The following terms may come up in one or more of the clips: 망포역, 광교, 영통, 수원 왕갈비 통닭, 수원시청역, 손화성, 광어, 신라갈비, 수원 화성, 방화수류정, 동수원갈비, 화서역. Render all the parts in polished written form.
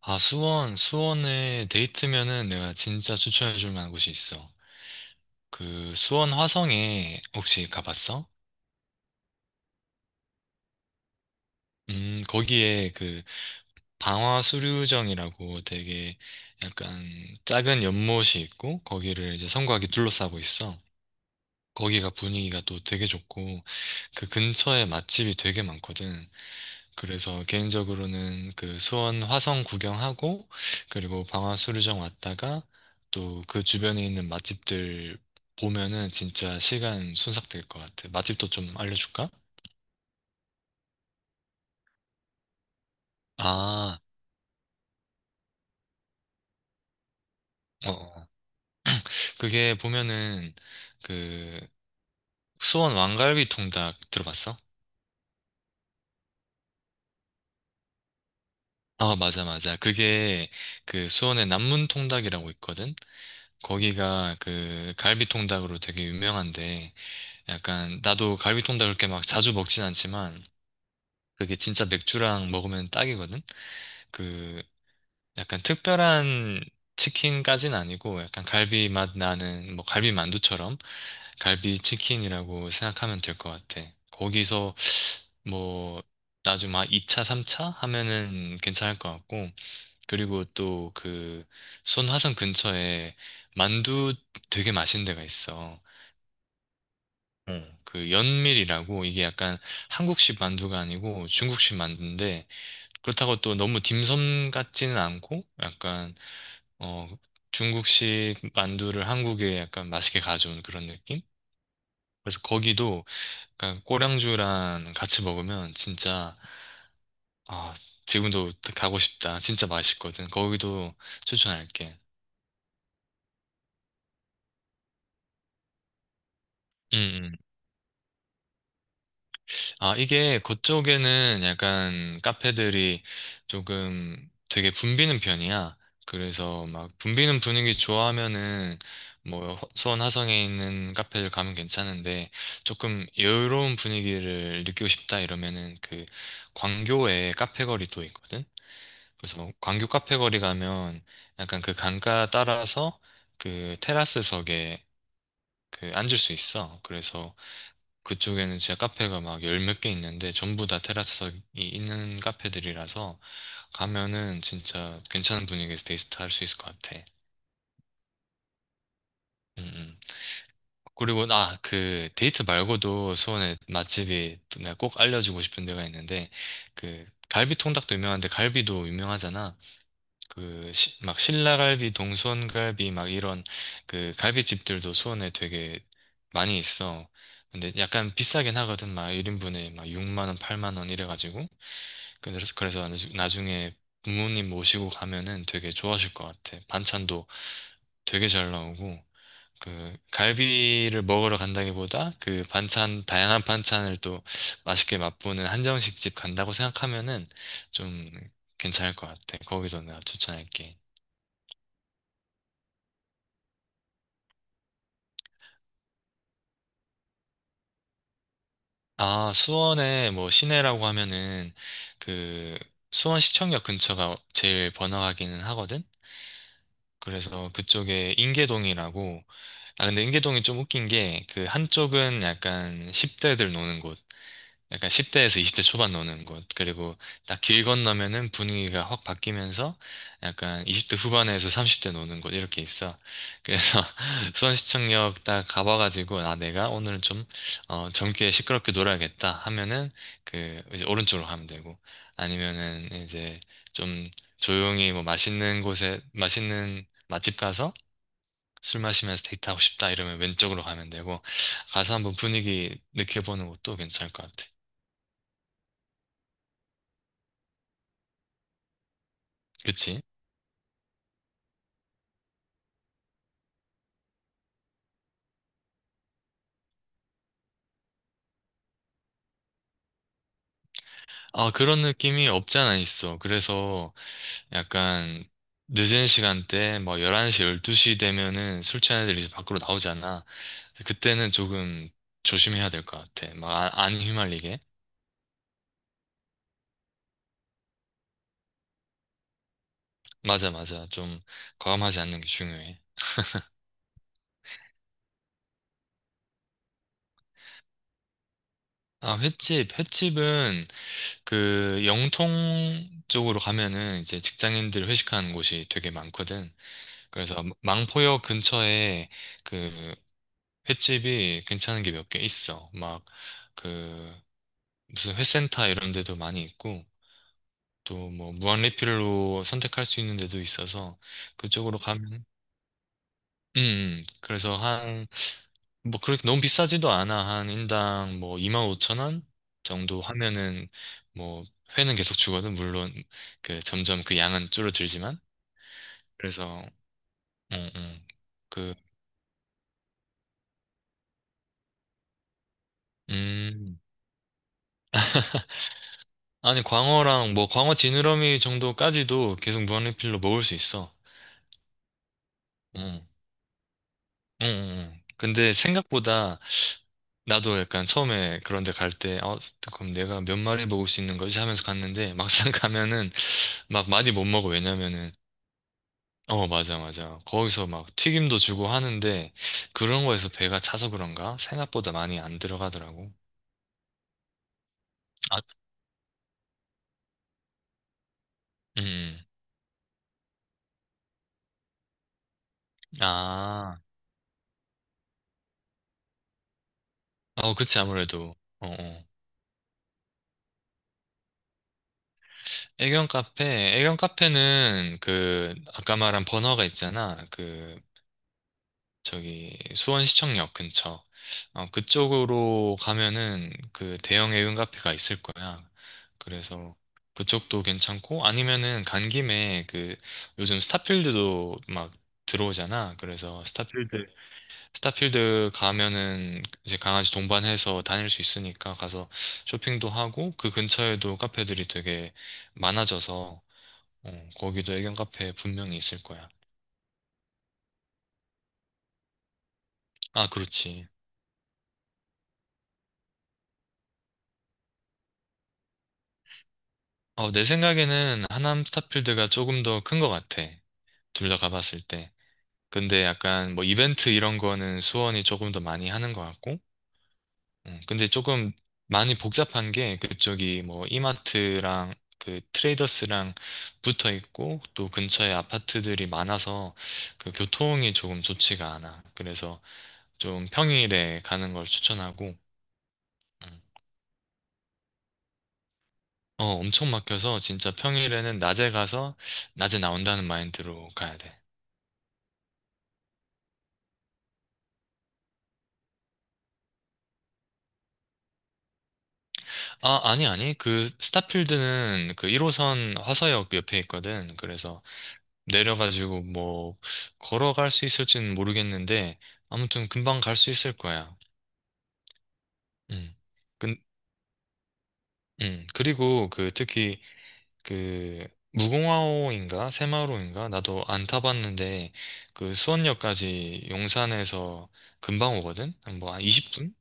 아, 수원, 수원에 데이트면은 내가 진짜 추천해줄 만한 곳이 있어. 그 수원 화성에 혹시 가봤어? 거기에 그 방화수류정이라고 되게 약간 작은 연못이 있고 거기를 이제 성곽이 둘러싸고 있어. 거기가 분위기가 또 되게 좋고 그 근처에 맛집이 되게 많거든. 그래서 개인적으로는 그 수원 화성 구경하고 그리고 방화수류정 왔다가 또 그 주변에 있는 맛집들 보면은 진짜 시간 순삭될 것 같아. 맛집도 좀 알려줄까? 아, 어. 어. 그게 보면은 그 수원 왕갈비 통닭 들어봤어? 아, 맞아, 맞아. 그게 그 수원의 남문 통닭이라고 있거든? 거기가 그 갈비 통닭으로 되게 유명한데 약간 나도 갈비 통닭을 그렇게 막 자주 먹진 않지만 그게 진짜 맥주랑 먹으면 딱이거든? 그 약간 특별한 치킨까진 아니고 약간 갈비 맛 나는 뭐 갈비 만두처럼 갈비 치킨이라고 생각하면 될 것 같아. 거기서 뭐 나중에 막 2차, 3차 하면은 괜찮을 것 같고 그리고 또 그 손화성 근처에 만두 되게 맛있는 데가 있어. 어, 그 연밀이라고 이게 약간 한국식 만두가 아니고 중국식 만두인데 그렇다고 또 너무 딤섬 같지는 않고 약간 어 중국식 만두를 한국에 약간 맛있게 가져온 그런 느낌? 그래서 거기도 약간 꼬량주랑 같이 먹으면 진짜 아 지금도 가고 싶다. 진짜 맛있거든. 거기도 추천할게. 음, 음. 아, 이게 그쪽에는 약간 카페들이 조금 되게 붐비는 편이야. 그래서 막 붐비는 분위기 좋아하면은 뭐 수원 화성에 있는 카페를 가면 괜찮은데 조금 여유로운 분위기를 느끼고 싶다 이러면은 그 광교에 카페 거리도 있거든. 그래서 뭐 광교 카페 거리 가면 약간 그 강가 따라서 그 테라스석에 그 앉을 수 있어. 그래서 그쪽에는 진짜 카페가 막 열 몇 개 있는데 전부 다 테라스석이 있는 카페들이라서 가면은 진짜 괜찮은 분위기에서 데이트 할 수 있을 것 같아. 음, 음. 그리고 나 그 데이트 말고도 수원에 맛집이 또 내가 꼭 알려주고 싶은 데가 있는데 그 갈비 통닭도 유명한데 갈비도 유명하잖아. 그, 막 신라갈비, 동수원갈비, 막 이런 그 갈비집들도 수원에 되게 많이 있어. 근데 약간 비싸긴 하거든. 막 1인분에 막 6만 원, 8만 원 이래가지고. 그래서 나중에 부모님 모시고 가면은 되게 좋아하실 것 같아. 반찬도 되게 잘 나오고. 그 갈비를 먹으러 간다기보다 그 반찬, 다양한 반찬을 또 맛있게 맛보는 한정식집 간다고 생각하면은 좀 괜찮을 것 같아. 거기서 내가 추천할게. 아, 수원에 뭐 시내라고 하면은 그 수원시청역 근처가 제일 번화하기는 하거든? 그래서 그쪽에 인계동이라고. 아, 근데 인계동이 좀 웃긴 게 그 한쪽은 약간 10대들 노는 곳. 약간 10대에서 20대 초반 노는 곳. 그리고 딱 길 건너면은 분위기가 확 바뀌면서 약간 20대 후반에서 30대 노는 곳 이렇게 있어. 그래서 수원시청역 딱 가봐가지고 아 내가 오늘은 좀 어, 젊게 시끄럽게 놀아야겠다 하면은 그 이제 오른쪽으로 가면 되고 아니면은 이제 좀 조용히 뭐 맛있는 곳에 맛있는 맛집 가서 술 마시면서 데이트하고 싶다 이러면 왼쪽으로 가면 되고 가서 한번 분위기 느껴보는 것도 괜찮을 것 같아. 그치? 아, 그런 느낌이 없지 않아 있어. 그래서 약간 늦은 시간대, 뭐 11시, 12시 되면은 술 취한 애들이 이제 밖으로 나오잖아. 그때는 조금 조심해야 될 것 같아. 막 안 휘말리게. 맞아, 맞아. 좀 과감하지 않는 게 중요해. 아, 횟집. 횟집은 그 영통 쪽으로 가면은 이제 직장인들 회식하는 곳이 되게 많거든. 그래서 망포역 근처에 그 횟집이 괜찮은 게 몇 개 있어. 막, 그, 무슨 회센터 이런 데도 많이 있고, 또 뭐, 무한 리필로 선택할 수 있는 데도 있어서, 그쪽으로 가면, 그래서 한, 뭐, 그렇게 너무 비싸지도 않아. 한 인당 뭐, 25,000원 정도 하면은, 뭐, 회는 계속 주거든. 물론, 그, 점점 그 양은 줄어들지만. 그래서, 응 응 그, 음. 아니, 광어랑 뭐, 광어 지느러미 정도까지도 계속 무한리필로 먹을 수 있어. 응, 응, 응. 근데 생각보다 나도 약간 처음에 그런 데 갈 때, 어, 그럼 내가 몇 마리 먹을 수 있는 거지? 하면서 갔는데 막상 가면은 막 많이 못 먹어. 왜냐면은, 어, 맞아, 맞아. 거기서 막 튀김도 주고 하는데 그런 거에서 배가 차서 그런가? 생각보다 많이 안 들어가더라고. 아, 음, 아, 어, 그치, 아무래도. 어, 어. 애견 카페, 애견 카페는 그, 아까 말한 버너가 있잖아. 그, 저기 수원시청역 근처 어, 그쪽으로 가면은 그 대형 애견 카페가 있을 거야. 그래서 그쪽도 괜찮고 아니면은 간 김에 그 요즘 스타필드도 막 들어오잖아. 그래서 스타필드 가면은 이제 강아지 동반해서 다닐 수 있으니까 가서 쇼핑도 하고 그 근처에도 카페들이 되게 많아져서 어, 거기도 애견 카페 분명히 있을 거야. 아, 그렇지. 어, 내 생각에는 하남 스타필드가 조금 더 큰 것 같아. 둘 다 가봤을 때. 근데 약간 뭐 이벤트 이런 거는 수원이 조금 더 많이 하는 것 같고. 근데 조금 많이 복잡한 게 그쪽이 뭐 이마트랑 그 트레이더스랑 붙어 있고 또 근처에 아파트들이 많아서 그 교통이 조금 좋지가 않아. 그래서 좀 평일에 가는 걸 추천하고. 음. 어, 엄청 막혀서 진짜 평일에는 낮에 가서 낮에 나온다는 마인드로 가야 돼. 아, 아니, 아니. 그, 스타필드는 그 1호선 화서역 옆에 있거든. 그래서 내려가지고 뭐, 걸어갈 수 있을지는 모르겠는데, 아무튼 금방 갈 수 있을 거야. 음. 근, 그리고 그, 특히 그, 무공화호인가? 새마을호인가? 나도 안 타봤는데, 그 수원역까지 용산에서 금방 오거든? 뭐, 한 20분?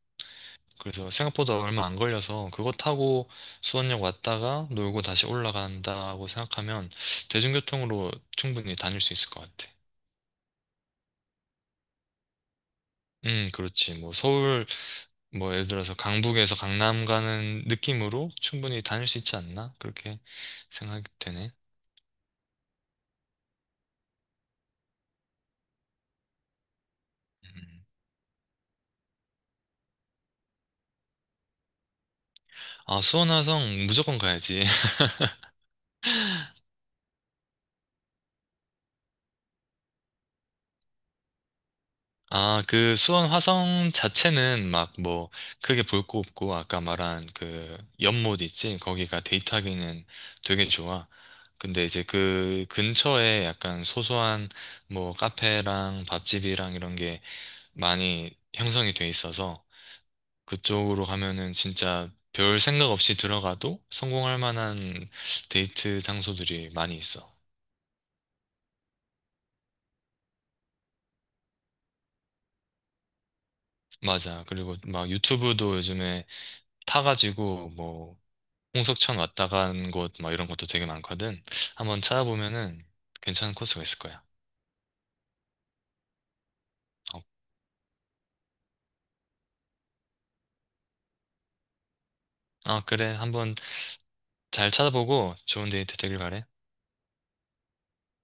그래서 생각보다 얼마 안 걸려서 그거 타고 수원역 왔다가 놀고 다시 올라간다고 생각하면 대중교통으로 충분히 다닐 수 있을 것 같아. 그렇지. 뭐 서울, 뭐 예를 들어서 강북에서 강남 가는 느낌으로 충분히 다닐 수 있지 않나? 그렇게 생각이 되네. 음. 아, 수원화성 무조건 가야지. 아, 그 수원 화성 자체는 막 뭐 크게 볼 거 없고 아까 말한 그 연못 있지? 거기가 데이트하기는 되게 좋아. 근데 이제 그 근처에 약간 소소한 뭐 카페랑 밥집이랑 이런 게 많이 형성이 돼 있어서 그쪽으로 가면은 진짜 별 생각 없이 들어가도 성공할 만한 데이트 장소들이 많이 있어. 맞아. 그리고 막 유튜브도 요즘에 타가지고 뭐 홍석천 왔다 간 곳 막 이런 것도 되게 많거든. 한번 찾아보면은 괜찮은 코스가 있을 거야. 어, 아, 그래. 한번 잘 찾아보고 좋은 데이트 되길 바래.